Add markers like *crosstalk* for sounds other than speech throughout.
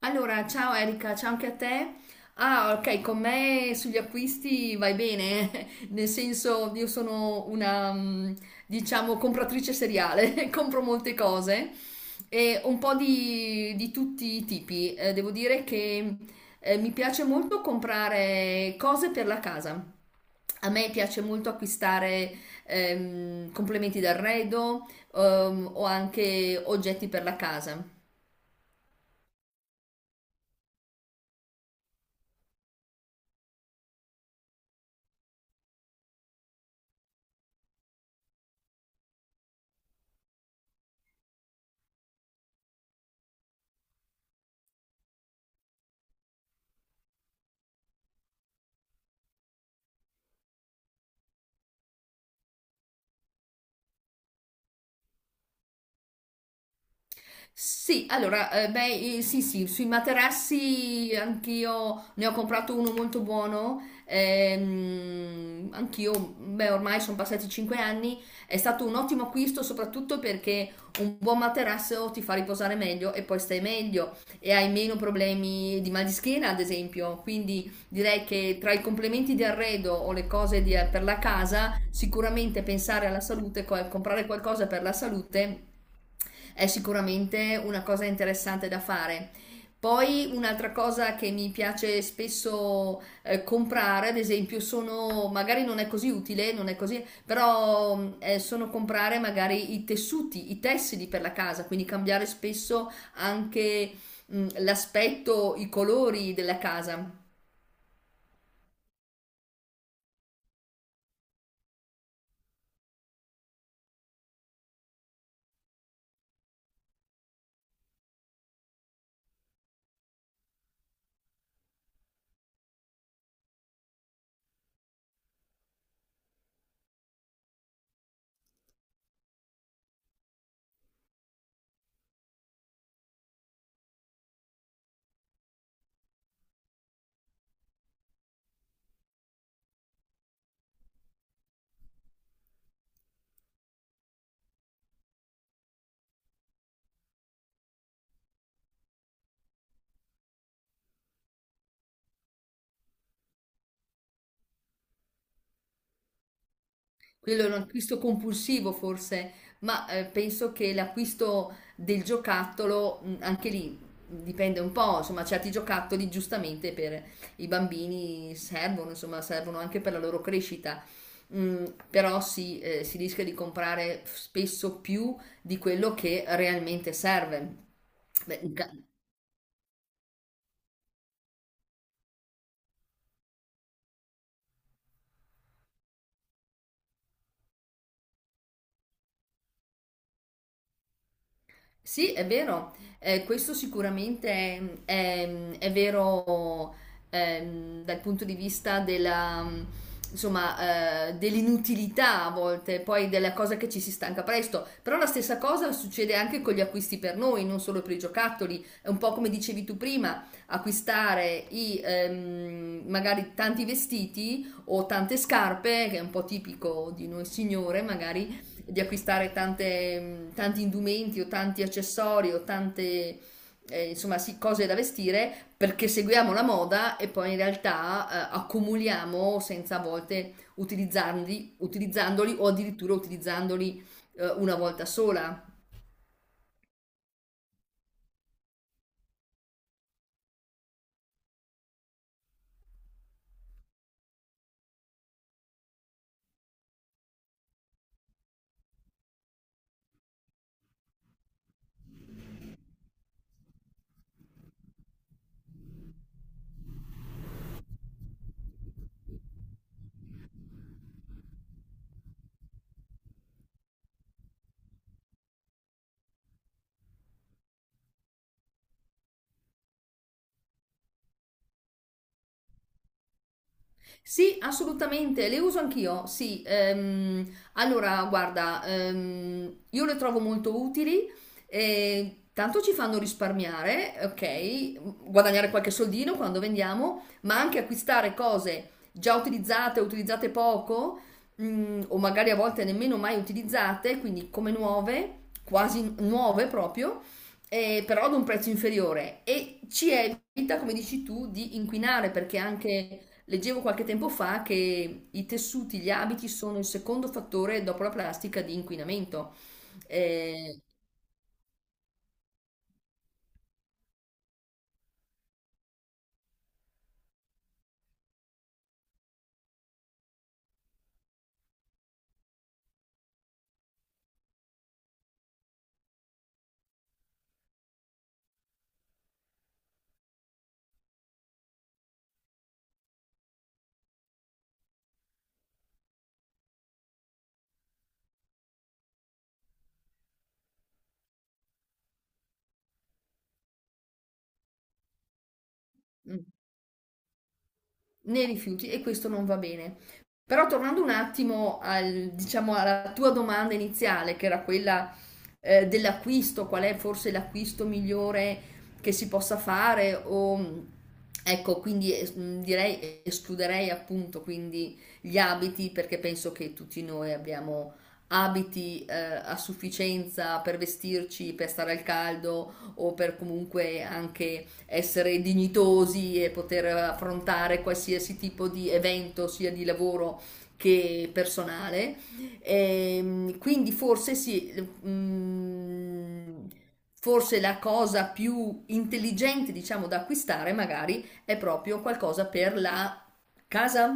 Allora, ciao Erika, ciao anche a te. Ah, ok, con me sugli acquisti vai bene, eh. Nel senso io sono una, diciamo, compratrice seriale, *laughs* compro molte cose e un po' di tutti i tipi. Devo dire che mi piace molto comprare cose per la casa. A me piace molto acquistare complementi d'arredo o anche oggetti per la casa. Sì, allora, beh, sì, sì, sui materassi anch'io ne ho comprato uno molto buono. Anch'io, beh, ormai sono passati 5 anni. È stato un ottimo acquisto, soprattutto perché un buon materasso ti fa riposare meglio e poi stai meglio e hai meno problemi di mal di schiena, ad esempio. Quindi direi che tra i complementi di arredo o le cose per la casa, sicuramente pensare alla salute, comprare qualcosa per la salute è sicuramente una cosa interessante da fare. Poi un'altra cosa che mi piace spesso comprare, ad esempio, sono, magari non è così utile, non è così, però sono comprare magari i tessuti, i tessili per la casa, quindi cambiare spesso anche l'aspetto, i colori della casa. Quello è un acquisto compulsivo forse, ma penso che l'acquisto del giocattolo, anche lì dipende un po', insomma, certi giocattoli giustamente per i bambini servono, insomma, servono anche per la loro crescita. Mm, però si, si rischia di comprare spesso più di quello che realmente serve. Beh, sì, è vero, questo sicuramente è vero dal punto di vista della, insomma, dell'inutilità a volte, poi della cosa che ci si stanca presto, però la stessa cosa succede anche con gli acquisti per noi, non solo per i giocattoli, è un po' come dicevi tu prima, acquistare i, magari tanti vestiti o tante scarpe, che è un po' tipico di noi signore, magari di acquistare tanti indumenti o tanti accessori o tante insomma, sì, cose da vestire perché seguiamo la moda e poi in realtà accumuliamo senza a volte utilizzandoli o addirittura utilizzandoli una volta sola. Sì, assolutamente, le uso anch'io, sì. Allora, guarda, io le trovo molto utili, tanto ci fanno risparmiare, ok, guadagnare qualche soldino quando vendiamo, ma anche acquistare cose già utilizzate, utilizzate poco, o magari a volte nemmeno mai utilizzate, quindi come nuove, quasi nuove proprio, però ad un prezzo inferiore. E ci evita, come dici tu, di inquinare, perché anche leggevo qualche tempo fa che i tessuti, gli abiti sono il secondo fattore dopo la plastica di inquinamento. Eh, mm. Nei rifiuti e questo non va bene. Però tornando un attimo al, diciamo, alla tua domanda iniziale, che era quella dell'acquisto, qual è forse l'acquisto migliore che si possa fare o ecco, quindi direi escluderei appunto quindi gli abiti perché penso che tutti noi abbiamo abiti a sufficienza per vestirci, per stare al caldo o per comunque anche essere dignitosi e poter affrontare qualsiasi tipo di evento, sia di lavoro che personale. E, quindi forse sì, mm, forse la cosa più intelligente, diciamo, da acquistare magari è proprio qualcosa per la casa.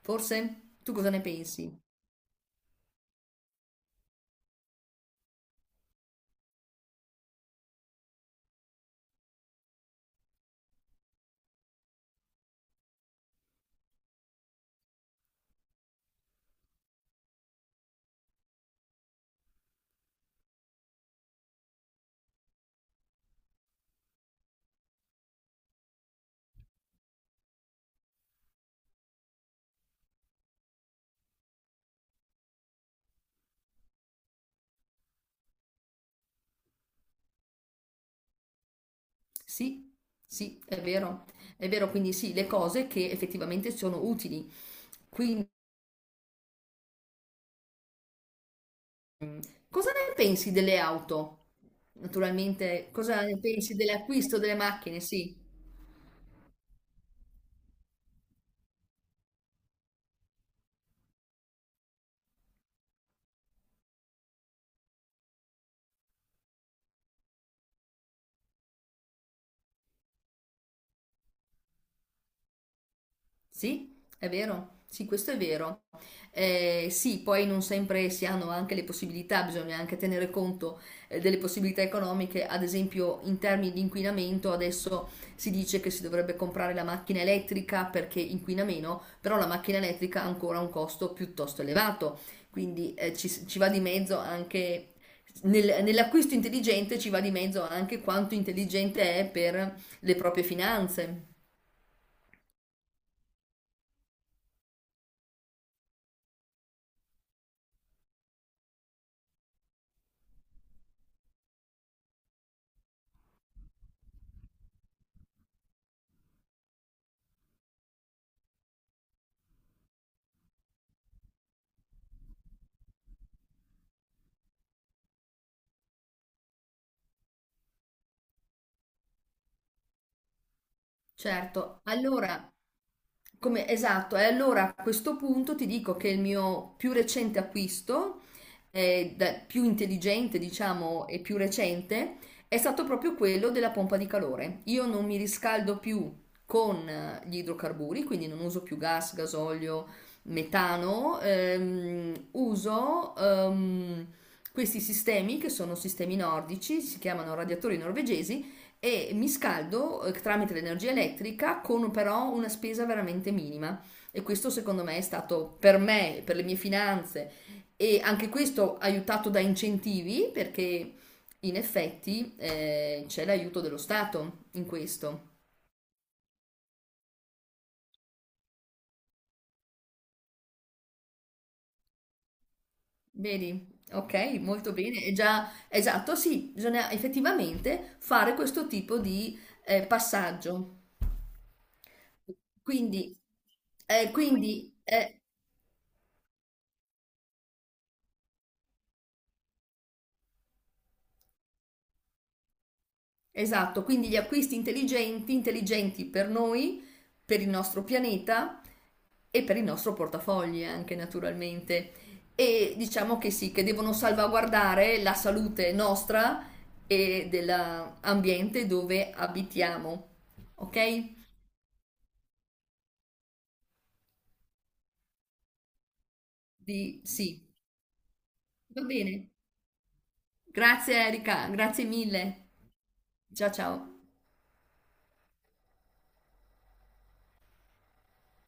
Forse tu cosa ne pensi? Sì, sì, è vero. È vero, quindi sì, le cose che effettivamente sono utili. Quindi cosa ne pensi delle auto? Naturalmente, cosa ne pensi dell'acquisto delle macchine? Sì. Sì, è vero, sì, questo è vero. Sì, poi non sempre si hanno anche le possibilità, bisogna anche tenere conto delle possibilità economiche, ad esempio in termini di inquinamento, adesso si dice che si dovrebbe comprare la macchina elettrica perché inquina meno, però la macchina elettrica ha ancora un costo piuttosto elevato, quindi ci va di mezzo anche nell'acquisto intelligente, ci va di mezzo anche quanto intelligente è per le proprie finanze. Certo, allora come, esatto, e allora a questo punto ti dico che il mio più recente acquisto, più intelligente diciamo e più recente, è stato proprio quello della pompa di calore. Io non mi riscaldo più con gli idrocarburi, quindi non uso più gas, gasolio, metano, uso questi sistemi che sono sistemi nordici, si chiamano radiatori norvegesi e mi scaldo tramite l'energia elettrica con però una spesa veramente minima e questo secondo me è stato per me, per le mie finanze e anche questo aiutato da incentivi perché in effetti c'è l'aiuto dello Stato in questo. Vedi? Ok, molto bene. È già esatto, sì, bisogna effettivamente fare questo tipo di passaggio. Quindi, eh, quindi, eh, esatto, quindi gli acquisti intelligenti, intelligenti per noi, per il nostro pianeta e per il nostro portafogli anche naturalmente. E diciamo che sì, che devono salvaguardare la salute nostra e dell'ambiente dove abitiamo. Ok? Di, sì, va bene. Grazie Erika, grazie mille. Ciao ciao.